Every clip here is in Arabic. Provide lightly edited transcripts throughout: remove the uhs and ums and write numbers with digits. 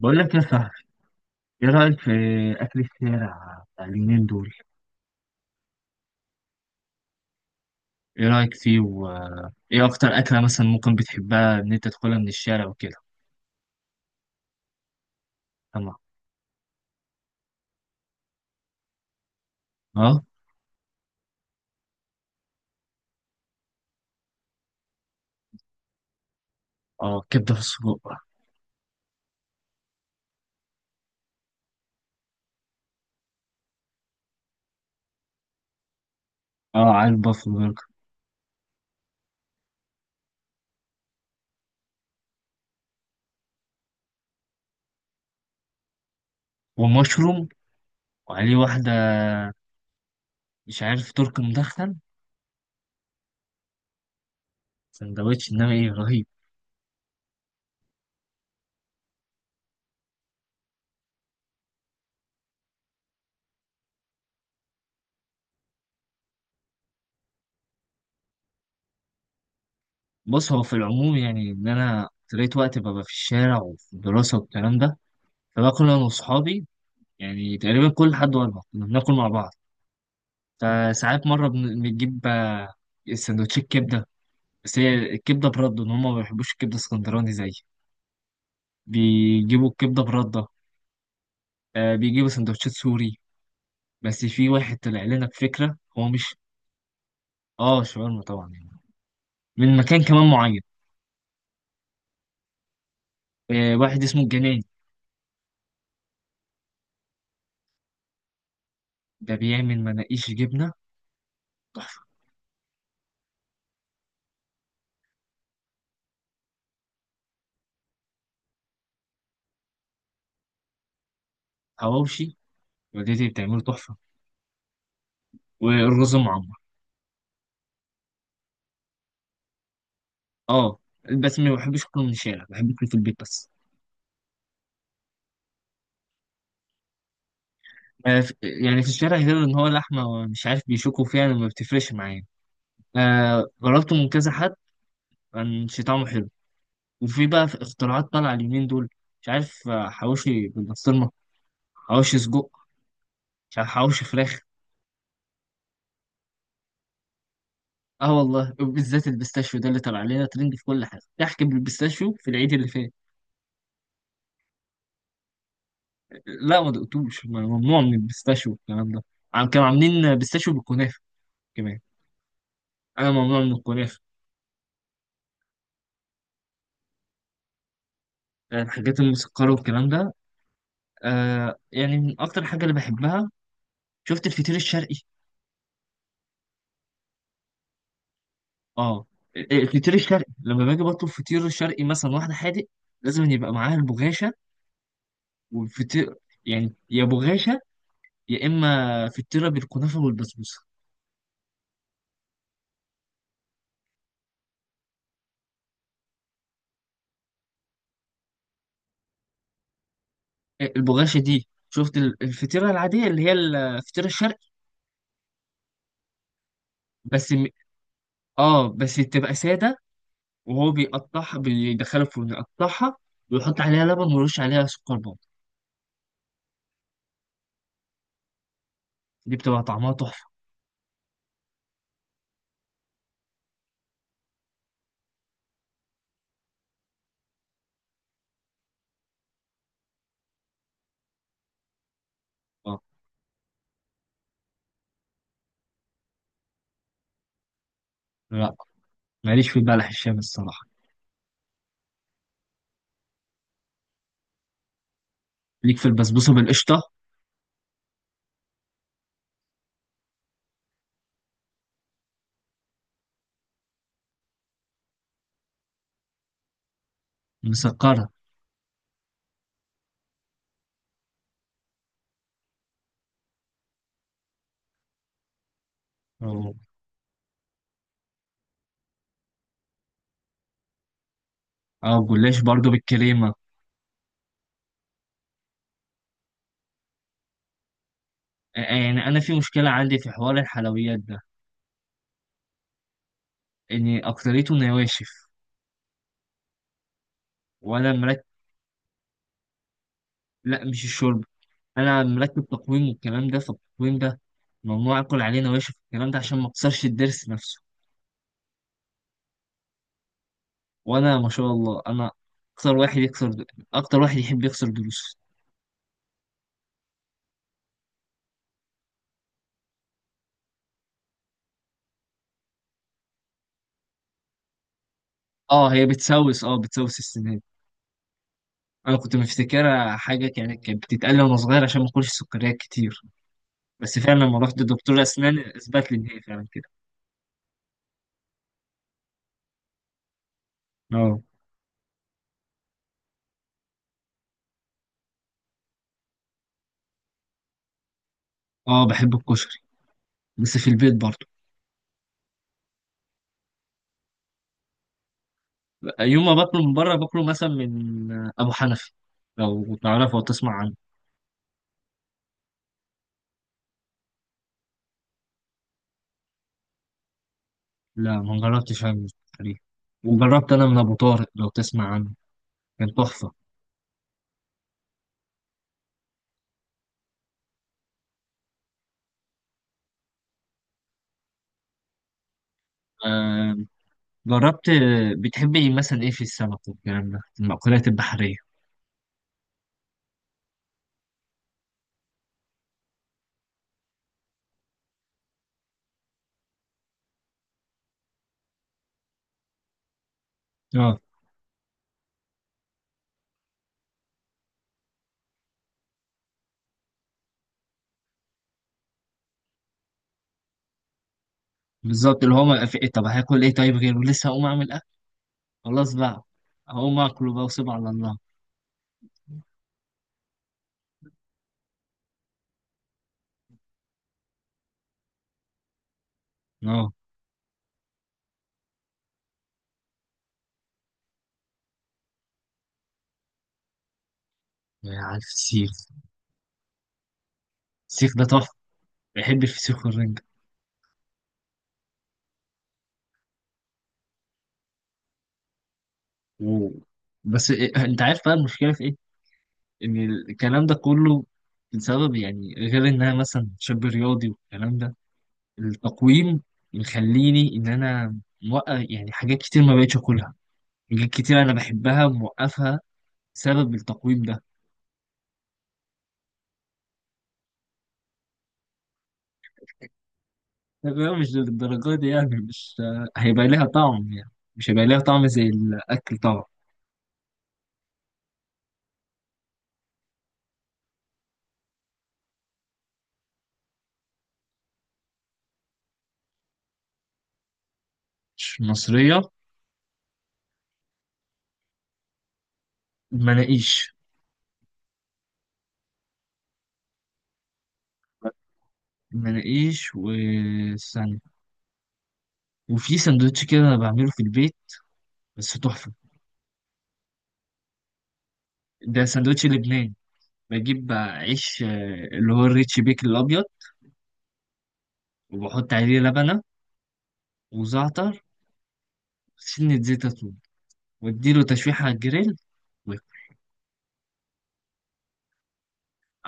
بقول لك يا صاحبي، ايه رأيك في أكل الشارع بتاع اليومين دول؟ ايه رأيك فيه و ايه أكتر أكلة مثلا ممكن بتحبها إن أنت تاكلها من الشارع وكده؟ تمام. اه. اه، كبدة في السجق. اه، على البافلو برجر ومشروم. وعليه واحدة، مش عارف، ترك مدخن سندوتش، إنما ايه رهيب. بص، هو في العموم يعني، إن أنا طريت وقت ببقى في الشارع وفي الدراسة والكلام ده، فباكل أنا وأصحابي، يعني تقريبا كل حد وأنا كنا بناكل مع بعض. فساعات مرة بنجيب سندوتشات كبدة. بس هي الكبدة برده، إن هما ما بيحبوش الكبدة اسكندراني زي، بيجيبوا الكبدة برده. بيجيبوا سندوتشات سوري. بس في واحد طلع لنا بفكرة هو مش. اه، شاورما طبعا يعني، من مكان كمان معين. واحد اسمه الجناني، ده بيعمل مناقيش جبنة تحفة. حواوشي، والدتي بتعمله تحفة، والرز معمر. اه، بس ما بحبش اكله من الشارع، بحب اكله في البيت بس. يعني في الشارع، غير ان هو لحمه مش عارف بيشوكوا فيها، أنا ما بتفرقش معايا. جربته من كذا حد، كان شي طعمه حلو. وفي بقى في اختراعات طالعة اليومين دول، مش عارف، حواوشي بالبسطرمة، حواوشي سجق، مش عارف حواوشي فراخ. اه والله، بالذات البيستاشيو ده اللي طلع علينا ترند في كل حاجة تحكي بالبيستاشيو في العيد اللي فات. لا ما دقتوش، ممنوع من البيستاشيو الكلام ده. عم كانوا عاملين بيستاشيو بالكنافة كمان. انا ممنوع من الكنافة. الحاجات المسكرة والكلام ده، يعني من اكتر حاجة اللي بحبها، شفت الفطير الشرقي. اه. إيه، الفطير الشرقي، لما باجي بطلب فطير شرقي مثلا واحدة حادق، لازم يبقى معاها البغاشة والفطير. يعني يا بغاشة، يا إما فطيرة بالكنافة والبسبوسة. إيه، البغاشة دي، شفت الفطيرة العادية اللي هي الفطيرة الشرقي؟ بس م... اه، بس تبقى سادة، وهو بيقطعها بيدخلها الفرن يقطعها، ويحط عليها لبن ويرش عليها سكر بودر. دي بتبقى طعمها تحفة. اه. لا، ماليش في البلح الشام الصراحة. ليك في البسبوسة بالقشطة. مسكرة. اه، جلاش برضو بالكريمة. يعني أنا في مشكلة عندي في حوار الحلويات ده، إن أكتريته نواشف. وأنا مركب. لا، مش الشرب، أنا مركب تقويم والكلام ده، فالتقويم ده ممنوع آكل عليه نواشف والكلام ده، عشان ما أكسرش الضرس نفسه. وأنا ما شاء الله، أنا أكتر واحد يكسر، أكتر واحد يحب يكسر ضروسه. اه، هي بتسوس، اه بتسوس السنان. أنا كنت مفتكرها حاجة كانت بتتقال لي وأنا صغير، عشان ما آكلش سكريات كتير. بس فعلا لما رحت لدكتور أسنان أثبت لي إن هي فعلا كده. اه. اه، بحب الكشري، بس في البيت برضه. يوم ما باكله من بره، باكله مثلا من ابو حنفي، لو تعرفه او تسمع عنه. لا، ما جربتش عنه تقريبا. وجربت انا من ابو طارق، لو تسمع عنه، كان تحفه. آه جربت. بتحب ايه مثلا، ايه في السمك والكلام ده، المأكولات البحريه؟ اه، بالظبط، اللي هو ما في إيه، طب هاكل ايه طيب غيره، لسه هقوم اعمل اكل، خلاص بقى، هقوم اكله بقى وسيب على الله. اه، يعني عارف السيخ، السيخ ده تحفه. بحب الفسيخ والرنجه. و... بس إيه، انت عارف بقى المشكله في ايه؟ ان الكلام ده كله بسبب يعني، غير ان انا مثلا شاب رياضي والكلام ده، التقويم مخليني ان انا موقف، يعني حاجات كتير ما بقتش اكلها، حاجات كتير انا بحبها موقفها، بسبب التقويم ده. طب هو مش للدرجه دي يعني، مش هيبقى ليها طعم، يعني مش هيبقى ليها طعم زي الاكل طبعا. مش مصريه. مناقيش. مناقيش، والثانية، وفي سندوتش كده انا بعمله في البيت، بس تحفه. ده سندوتش لبنان. بجيب بقى عيش اللي هو الريتش بيكن الأبيض، وبحط عليه لبنة وزعتر، سنة زيت زيتون، واديله تشويحة على الجريل، ويك-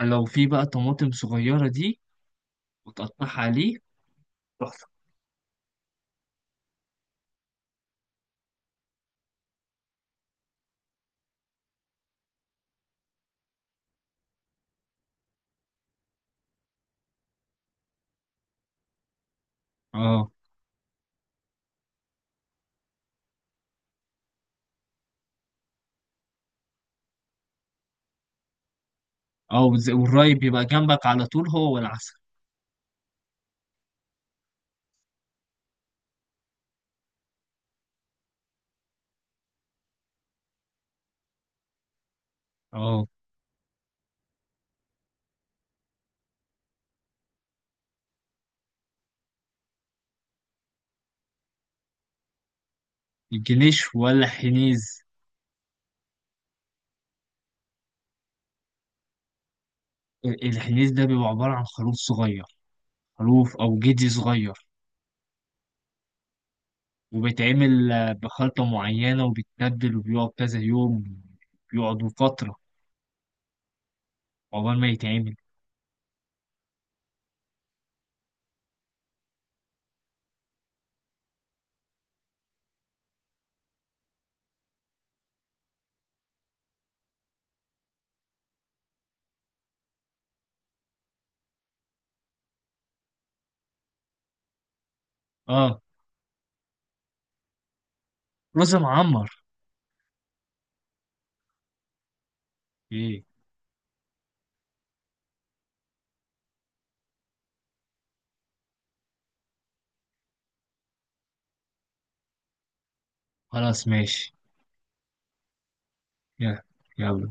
لو في بقى طماطم صغيرة دي، وتقطعها عليه، تحفة. اه. اه، والراي بيبقى جنبك على طول، هو والعسل. اه. الجنيش ولا حنيز؟ الحنيز ده بيبقى عبارة عن خروف صغير، خروف أو جدي صغير، وبيتعمل بخلطة معينة وبيتبل وبيقعد كذا يوم، بيقعدوا فترة عقبال ما يتعمل. اه. رز معمر. ايه. خلاص ماشي. يلا يلا.